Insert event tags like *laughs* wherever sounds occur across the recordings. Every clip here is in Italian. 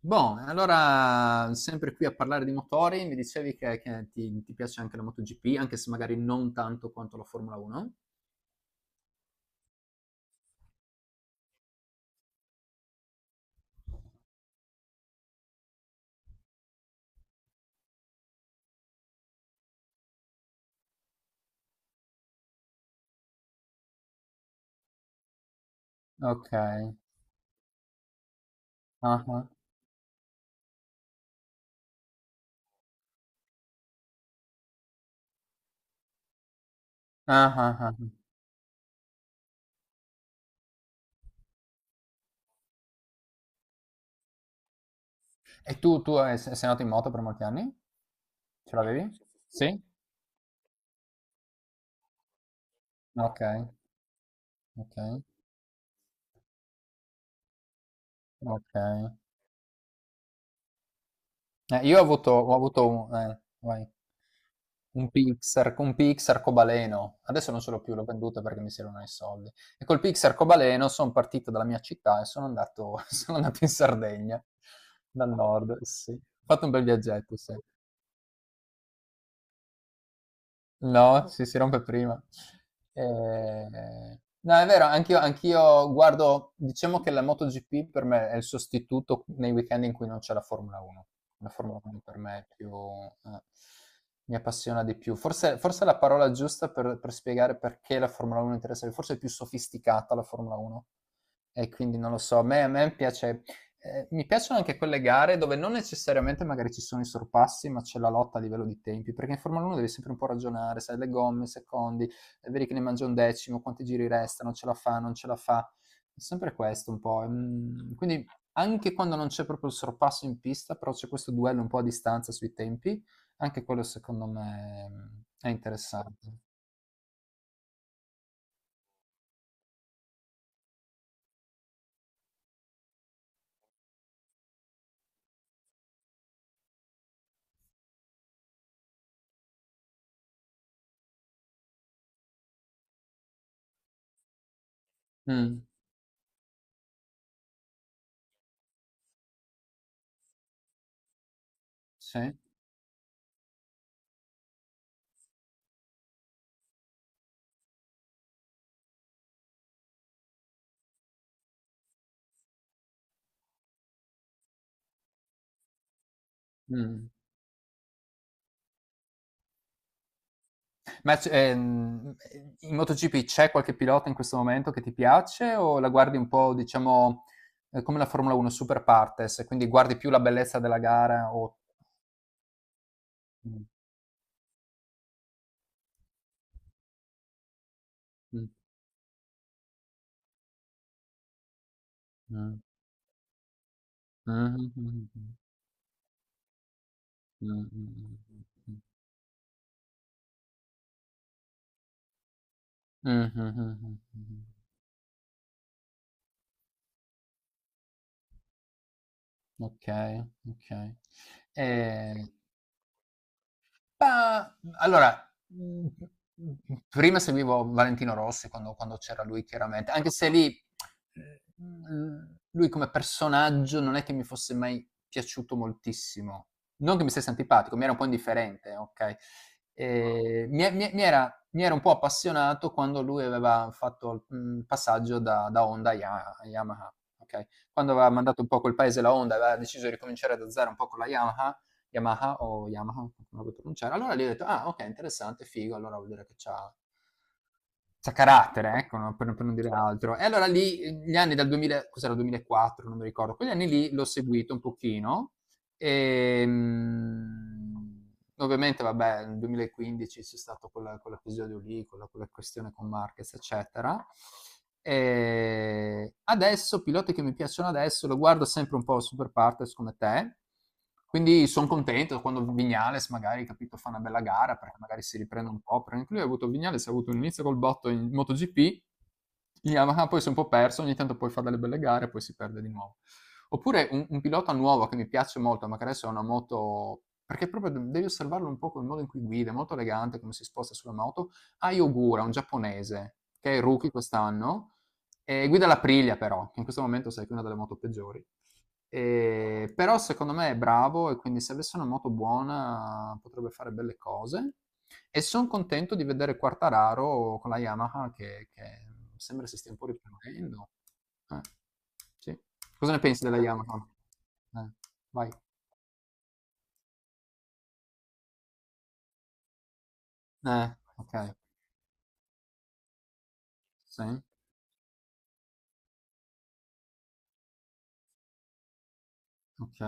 Boh, allora sempre qui a parlare di motori, mi dicevi che ti piace anche la MotoGP, anche se magari non tanto quanto la Formula 1. Ok. Ah, ah. Ah, ah, ah. E tu sei andato in moto per molti anni? Ce l'avevi? Sì? Ok, ok, ok. Io ho avuto un Pix arcobaleno, adesso non ce l'ho più, l'ho venduto perché mi servono i soldi. E col Pix arcobaleno sono partito dalla mia città e sono andato, *laughs* sono andato in Sardegna, dal nord, sì. Ho fatto un bel viaggetto, sì. No, si rompe prima. No, è vero, anch'io guardo, diciamo che la MotoGP per me è il sostituto nei weekend in cui non c'è la Formula 1. La Formula 1 per me è più, mi appassiona di più. Forse la parola giusta per spiegare perché la Formula 1 interessa, forse è più sofisticata la Formula 1, e quindi non lo so, a me piace, mi piacciono anche quelle gare dove non necessariamente magari ci sono i sorpassi, ma c'è la lotta a livello di tempi, perché in Formula 1 devi sempre un po' ragionare, sai, le gomme, secondi, vedi che ne mangia un decimo, quanti giri restano, ce la fa, non ce la fa. È sempre questo un po'. Quindi anche quando non c'è proprio il sorpasso in pista, però c'è questo duello un po' a distanza sui tempi, anche quello secondo me, è interessante. Mm, sì. Mm. Ma in MotoGP c'è qualche pilota in questo momento che ti piace o la guardi un po', diciamo, come la Formula 1, super partes, quindi guardi più la bellezza della gara o... Ok, ok. Eh, Ma allora, prima seguivo Valentino Rossi quando c'era lui chiaramente, anche se lì, mhmm, lui come personaggio non è che mi fosse mai piaciuto moltissimo. Non che mi stesse antipatico, mi era un po' indifferente, okay. Mi era un po' appassionato quando lui aveva fatto, il passaggio da Honda a Yamaha, okay. Quando aveva mandato un po' a quel paese la Honda, aveva deciso di ricominciare da zero un po' con la Yamaha, Yamaha o Yamaha, non so come pronunciare. Allora lì ho detto, ah ok, interessante, figo, allora vuol dire che c'ha carattere, ecco, no, per non dire altro. E allora lì, gli anni dal 2000, cos'era, 2004, non mi ricordo, quegli anni lì l'ho seguito un pochino, e, ovviamente, vabbè, nel 2015 c'è stato quell'episodio lì, quella questione con Marquez, eccetera. E adesso, piloti che mi piacciono adesso, lo guardo sempre un po' super partners come te. Quindi sono contento quando Vignales magari, capito, fa una bella gara perché magari si riprende un po'. Perché lui ha avuto Vignales, ha avuto un inizio col botto in MotoGP, in Yamaha poi si è un po' perso, ogni tanto poi fa delle belle gare e poi si perde di nuovo. Oppure un pilota nuovo che mi piace molto, ma che adesso è una moto perché proprio devi osservarlo un po' col modo in cui guida, è molto elegante come si sposta sulla moto. Ai Ogura, un giapponese, che è il rookie quest'anno, e guida la Priglia però, che in questo momento sai che è una delle moto peggiori. Però secondo me è bravo e quindi se avesse una moto buona potrebbe fare belle cose. E sono contento di vedere Quartararo con la Yamaha che sembra si stia un po' riprendendo. Eh, sì. Cosa ne pensi della Yamaha? Eh, vai. Ok. Sì, ok.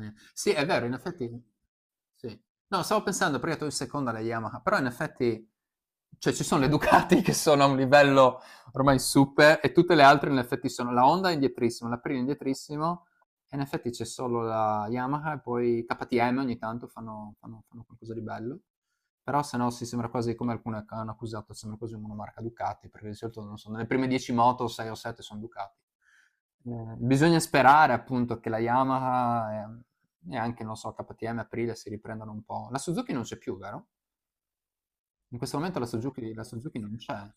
Sì, è vero, in effetti sì. No, stavo pensando prima tu in seconda alle Yamaha, però in effetti cioè ci sono le *laughs* Ducati che sono a un livello ormai super e tutte le altre in effetti sono, la Honda è indietrissimo, la Prima è indietrissimo e in effetti c'è solo la Yamaha e poi KTM ogni tanto fanno qualcosa di bello. Però se no sì, sembra quasi come alcune che hanno accusato, sembra quasi una marca Ducati, perché di solito non so, nelle prime 10 moto 6 o 7 sono Ducati. Bisogna sperare appunto che la Yamaha, e, anche, non so, KTM, Aprilia si riprendano un po'. La Suzuki non c'è più, vero? In questo momento la Suzuki non c'è,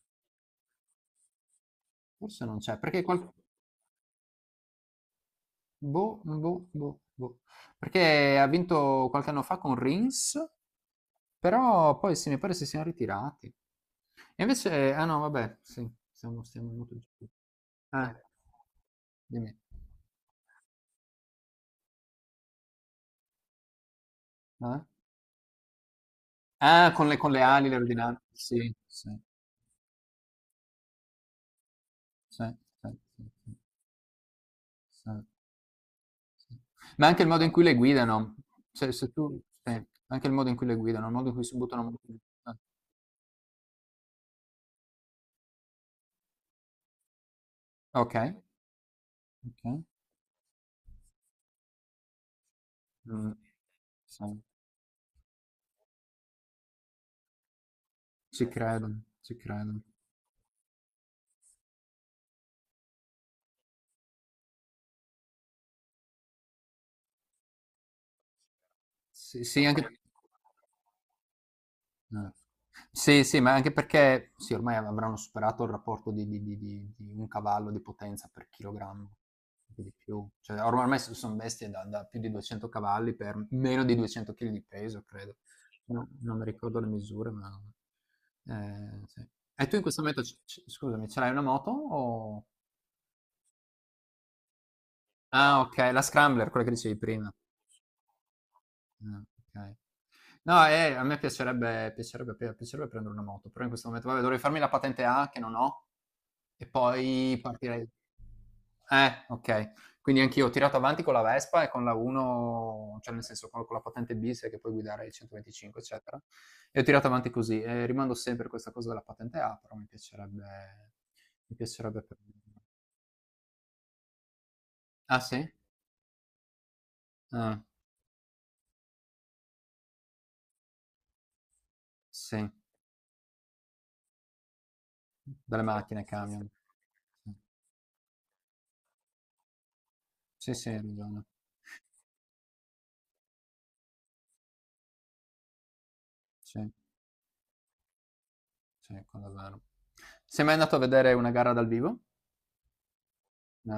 forse non c'è, perché boh, boh, boh, boh. Perché ha vinto qualche anno fa con Rins, però poi sì, mi pare si siano ritirati. E invece, ah no, vabbè, sì, stiamo molto giù. Ah, dimmi. Ah? Ah, con le ali, le ordinanze. Sì, sì, sì, sì, sì, sì, sì, sì. Ma anche il modo in cui le guidano. Cioè, se tu... sì, anche il modo in cui le guidano, il modo in cui si buttano... Ah, ok, ok. Mm, sì, ci credo, ci credo. Sì, sì, anche... Mm. Sì, sì, ma anche perché sì, ormai avranno superato il rapporto di un cavallo di potenza per chilogrammo, anche di più. Cioè, ormai sono bestie da più di 200 cavalli per meno di 200 kg di peso, credo. No, non mi ricordo le misure, ma... sì. E tu in questo momento, scusami, ce l'hai una moto o... Ah, okay, la scrambler, quella che dicevi prima. Ah, okay. No, a me piacerebbe prendere una moto, però in questo momento vabbè, dovrei farmi la patente A che non ho e poi partirei. Okay. Quindi anch'io ho tirato avanti con la Vespa e con la 1, cioè nel senso con la patente B, sai che puoi guidare i 125 eccetera, e ho tirato avanti così, e rimando sempre a questa cosa della patente A, però mi piacerebbe prenderla. Ah, sì? Ah, sì. Dalle, sì, macchine, sì, sì, cambiano. Sì, sì, hai ragione. Sì, sì, quello è vero. Sei mai andato a vedere una gara dal vivo? No.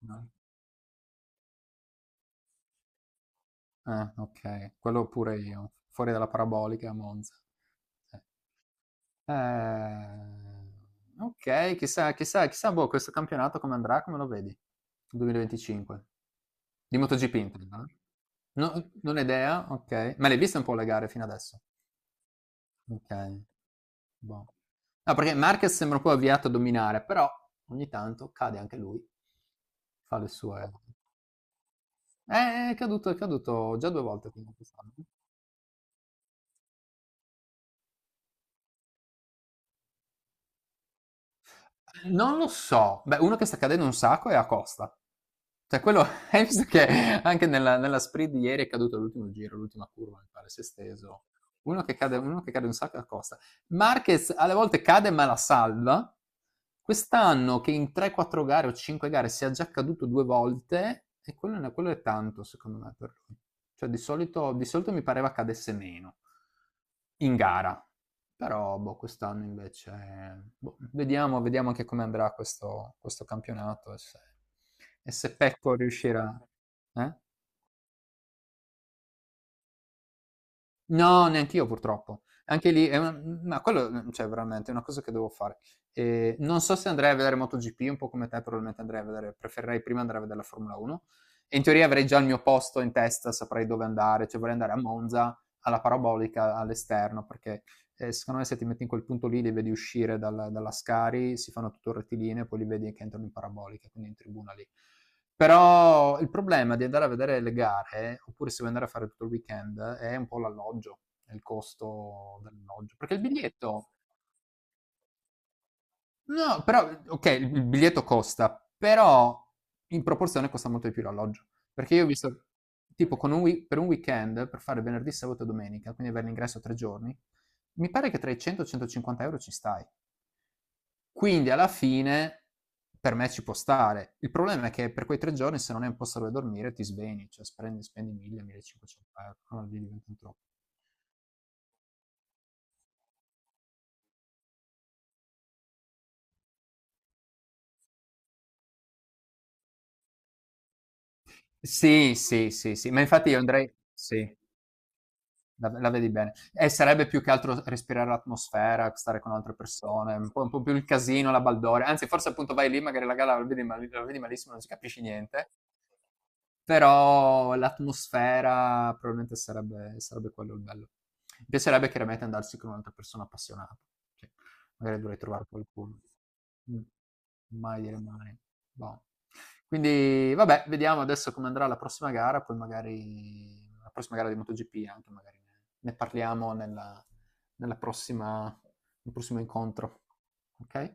No. Ah, ok. Quello pure io. Fuori dalla parabolica a Monza. Sì. Eh, ok, chissà, chissà, chissà, boh, questo campionato come andrà, come lo vedi? 2025. Di MotoGP, intendo, eh? No, non ho idea, ok. Ma le hai viste un po' le gare fino adesso? Ok. Boh. No, perché Marquez sembra poi avviato a dominare, però ogni tanto cade anche lui, fa le sue... è caduto già due volte quindi quest'anno. Non lo so. Beh, uno che sta cadendo un sacco è Acosta. Cioè quello *laughs* hai visto che anche nella sprint di ieri è caduto all'ultimo giro, l'ultima curva, mi pare, si è steso. Uno che cade un sacco è Acosta. Marquez alle volte cade ma la salva. Quest'anno che in 3-4 gare o 5 gare sia già caduto due volte, e quello è tanto secondo me per lui. Cioè di solito mi pareva cadesse meno in gara. Però boh, quest'anno invece boh, vediamo anche come andrà questo campionato e se Pecco riuscirà. Eh? No, neanch'io purtroppo. Anche lì è una ma quello, cioè veramente è una cosa che devo fare. Non so se andrei a vedere MotoGP, un po' come te probabilmente andrei a vedere preferirei prima andare a vedere la Formula 1, e in teoria avrei già il mio posto in testa, saprei dove andare, cioè vorrei andare a Monza, alla parabolica, all'esterno, perché, secondo me se ti metti in quel punto lì, li vedi uscire dalla Scari, si fanno tutto rettilineo, poi li vedi che entrano in parabolica, quindi in tribuna lì. Però il problema di andare a vedere le gare, oppure se vuoi andare a fare tutto il weekend, è un po' l'alloggio, è il costo dell'alloggio. Perché il biglietto, no, però, ok, il biglietto costa, però in proporzione costa molto di più l'alloggio. Perché io ho visto, tipo, con per un weekend, per fare venerdì, sabato e domenica, quindi avere l'ingresso 3 giorni, mi pare che tra i 100 e i 150 euro ci stai. Quindi alla fine per me ci può stare. Il problema è che per quei 3 giorni, se non hai un posto dove dormire, ti svegli, cioè spendi 1000-1500 euro, allora lì diventa troppo. Sì, sì, sì, sì, ma infatti io andrei, sì, la vedi bene. E sarebbe più che altro respirare l'atmosfera, stare con altre persone, un po' più il casino, la baldoria. Anzi, forse appunto vai lì, magari la gara la vedi, la vedi malissimo, non si capisce niente. Però l'atmosfera probabilmente sarebbe quello il bello. Mi piacerebbe chiaramente andarsi con un'altra persona appassionata. Sì, magari dovrei trovare qualcuno. Mm. Mai dire mai. Boh. Quindi vabbè, vediamo adesso come andrà la prossima gara, poi magari la prossima gara di MotoGP anche magari ne parliamo nella prossima, nel prossimo incontro. Ok?